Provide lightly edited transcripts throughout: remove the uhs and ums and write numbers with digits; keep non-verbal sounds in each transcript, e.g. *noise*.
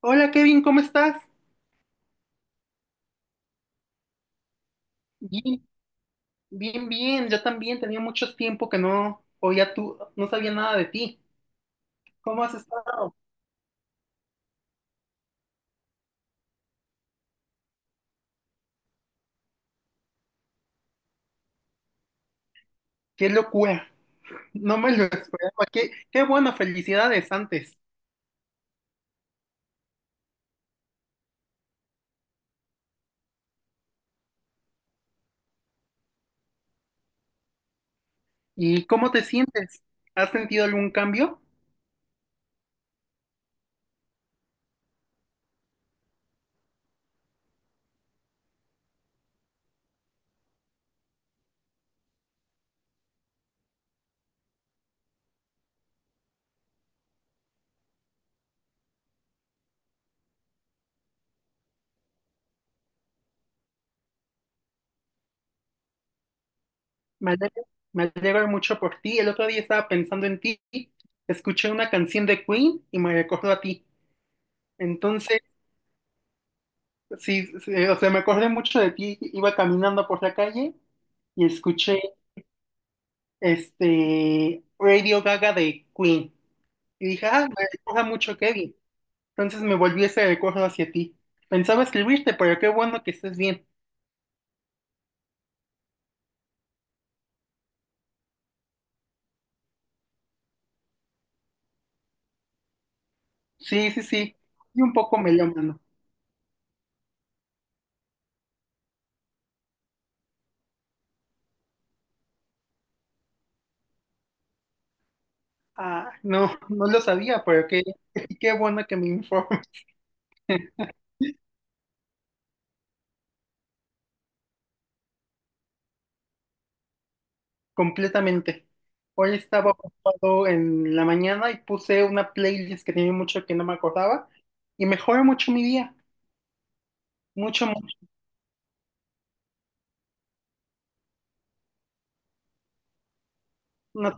Hola Kevin, ¿cómo estás? Bien, bien. Yo también tenía mucho tiempo que no oía tú, no sabía nada de ti. ¿Cómo has estado? Qué locura. No me lo *laughs* esperaba. Qué, qué bueno, felicidades antes. ¿Y cómo te sientes? ¿Has sentido algún cambio? Me alegro, me alegro mucho por ti. El otro día estaba pensando en ti. Escuché una canción de Queen y me recordó a ti. Entonces, sí, sí, o sea, me acordé mucho de ti. Iba caminando por la calle y escuché Radio Gaga de Queen. Y dije, ah, me recuerda mucho Kevin. Entonces me volví ese recuerdo hacia ti. Pensaba escribirte, pero qué bueno que estés bien. Sí, sí, sí. Y un poco melómano. Ah, no, no lo sabía, pero qué, *laughs* qué bueno que me informe *laughs* completamente. Hoy estaba ocupado en la mañana y puse una playlist que tenía mucho que no me acordaba y mejoró mucho mi día. Mucho, mucho. No.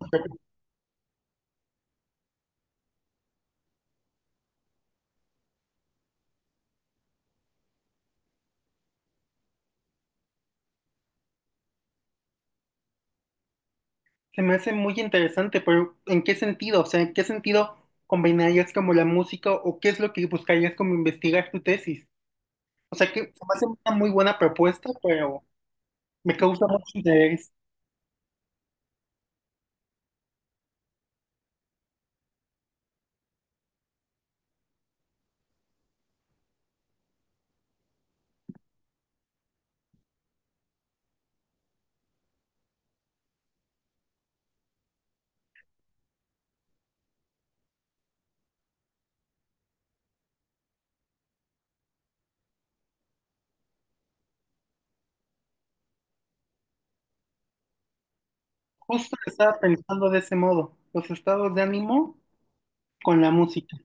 Se me hace muy interesante, pero ¿en qué sentido? O sea, ¿en qué sentido combinarías como la música o qué es lo que buscarías como investigar tu tesis? O sea, que se me hace una muy buena propuesta, pero me causa mucho interés. Justo estaba pensando de ese modo, los estados de ánimo con la música.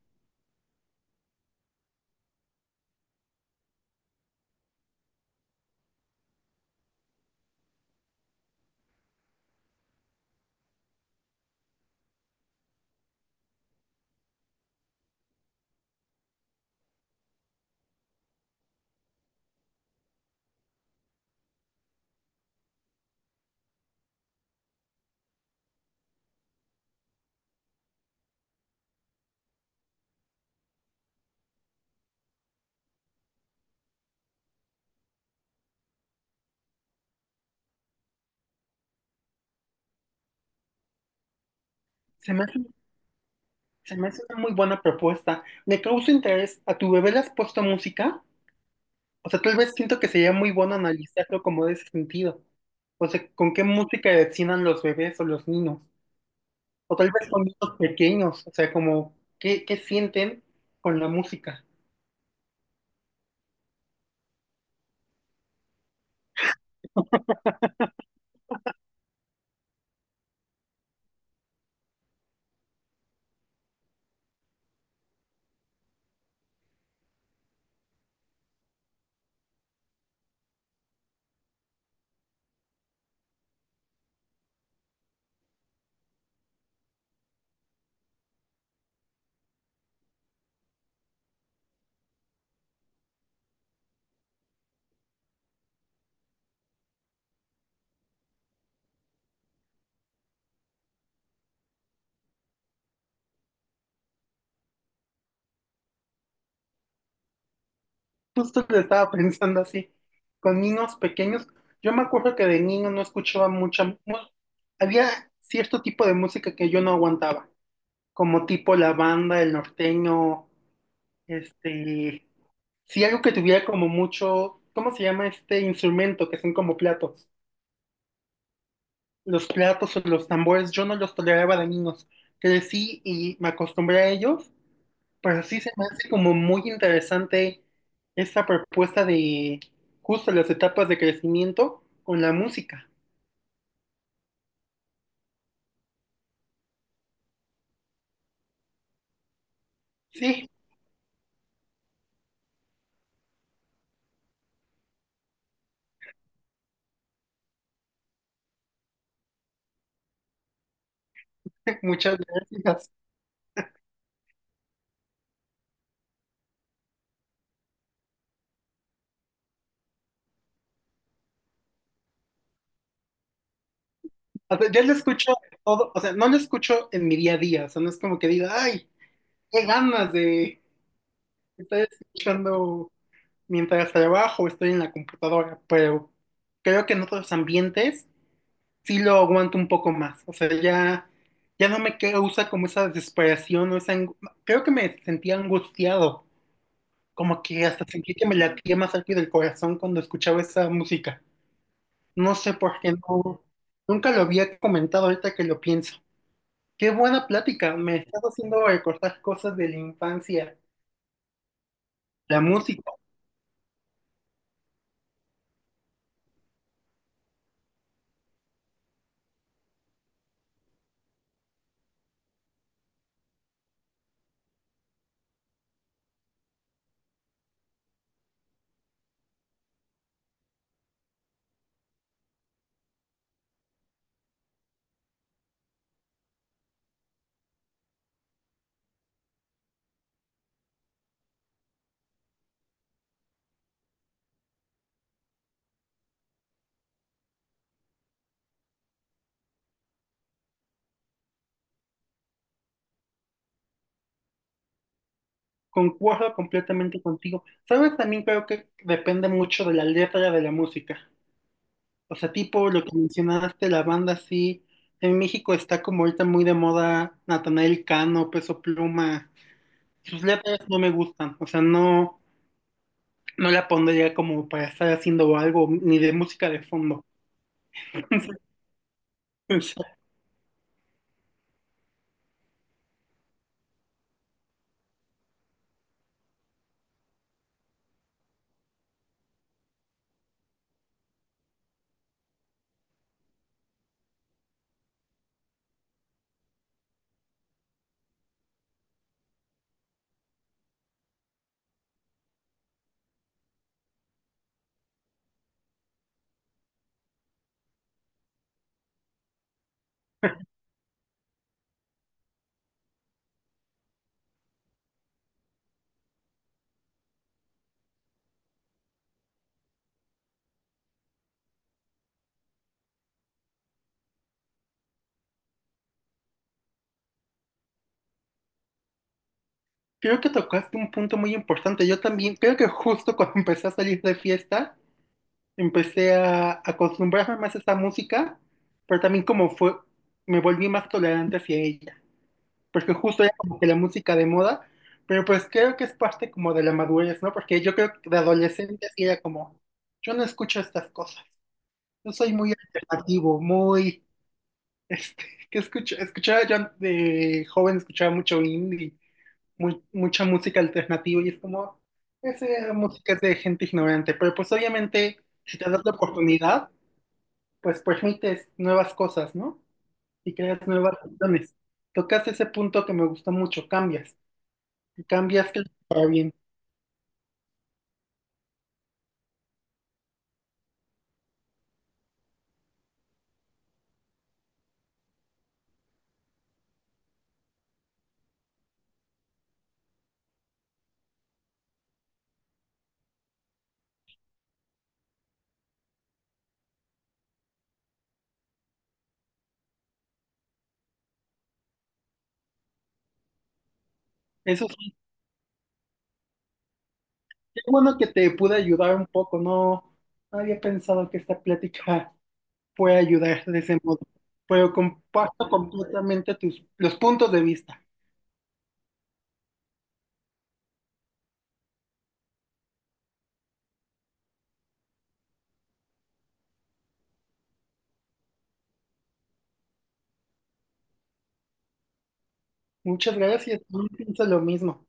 Se me hace, se me hace una muy buena propuesta. Me causa interés. ¿A tu bebé le has puesto música? O sea, tal vez siento que sería muy bueno analizarlo como de ese sentido. O sea, ¿con qué música destinan los bebés o los niños? O tal vez con niños pequeños, o sea, como, ¿qué, qué sienten con la música? Justo lo estaba *laughs* pensando así, con niños pequeños. Yo me acuerdo que de niño no escuchaba había cierto tipo de música que yo no aguantaba, como tipo la banda, el norteño, este, sí algo que tuviera como mucho, ¿cómo se llama este instrumento que son como platos? Los platos o los tambores, yo no los toleraba de niños. Crecí y me acostumbré a ellos. Pero sí se me hace como muy interesante esa propuesta de justo las etapas de crecimiento con la música. Sí, *laughs* muchas gracias. O sea, yo lo escucho todo, o sea, no lo escucho en mi día a día, o sea, no es como que diga, ay, qué ganas de estar escuchando mientras trabajo, estoy en la computadora, pero creo que en otros ambientes sí lo aguanto un poco más, o sea, ya no me causa como esa desesperación o esa, ang- creo que me sentía angustiado. Como que hasta sentí que me latía más rápido el corazón cuando escuchaba esa música. No sé por qué no. Nunca lo había comentado ahorita que lo pienso. Qué buena plática. Me estás haciendo recordar cosas de la infancia. La música. Concuerdo completamente contigo. Sabes, también creo que depende mucho de la letra de la música. O sea, tipo lo que mencionaste, la banda sí. En México está como ahorita muy de moda Natanael Cano, Peso Pluma. Sus letras no me gustan. O sea, no, no la pondría como para estar haciendo algo, ni de música de fondo. *laughs* Entonces, o sea, creo que tocaste un punto muy importante. Yo también, creo que justo cuando *laughs* empecé a salir de fiesta, empecé a acostumbrarme más a esa música, pero también como fue, me volví más tolerante hacia ella, porque justo era como que la música de moda, pero pues creo que es parte como de la madurez, ¿no? Porque yo creo que de adolescente sí era como, yo no escucho estas cosas, yo soy muy alternativo, muy. Este, escuchaba yo de joven, escuchaba mucho indie, mucha música alternativa y es como, esa música es de gente ignorante, pero pues obviamente si te das la oportunidad, pues permites nuevas cosas, ¿no? Y creas nuevas opciones. Tocas ese punto que me gustó mucho, cambias, y cambias que para bien. Eso sí, es bueno que te pude ayudar un poco, no, no había pensado que esta plática puede ayudar de ese modo. Pero comparto completamente tus, los puntos de vista. Muchas gracias, yo pienso lo mismo.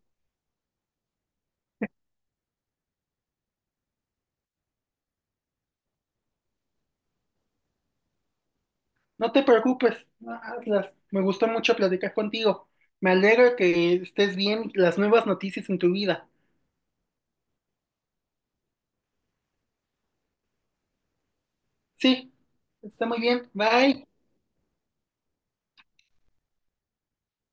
No te preocupes, hazlas. Me gustó mucho platicar contigo. Me alegra que estés bien, las nuevas noticias en tu vida. Sí, está muy bien. Bye.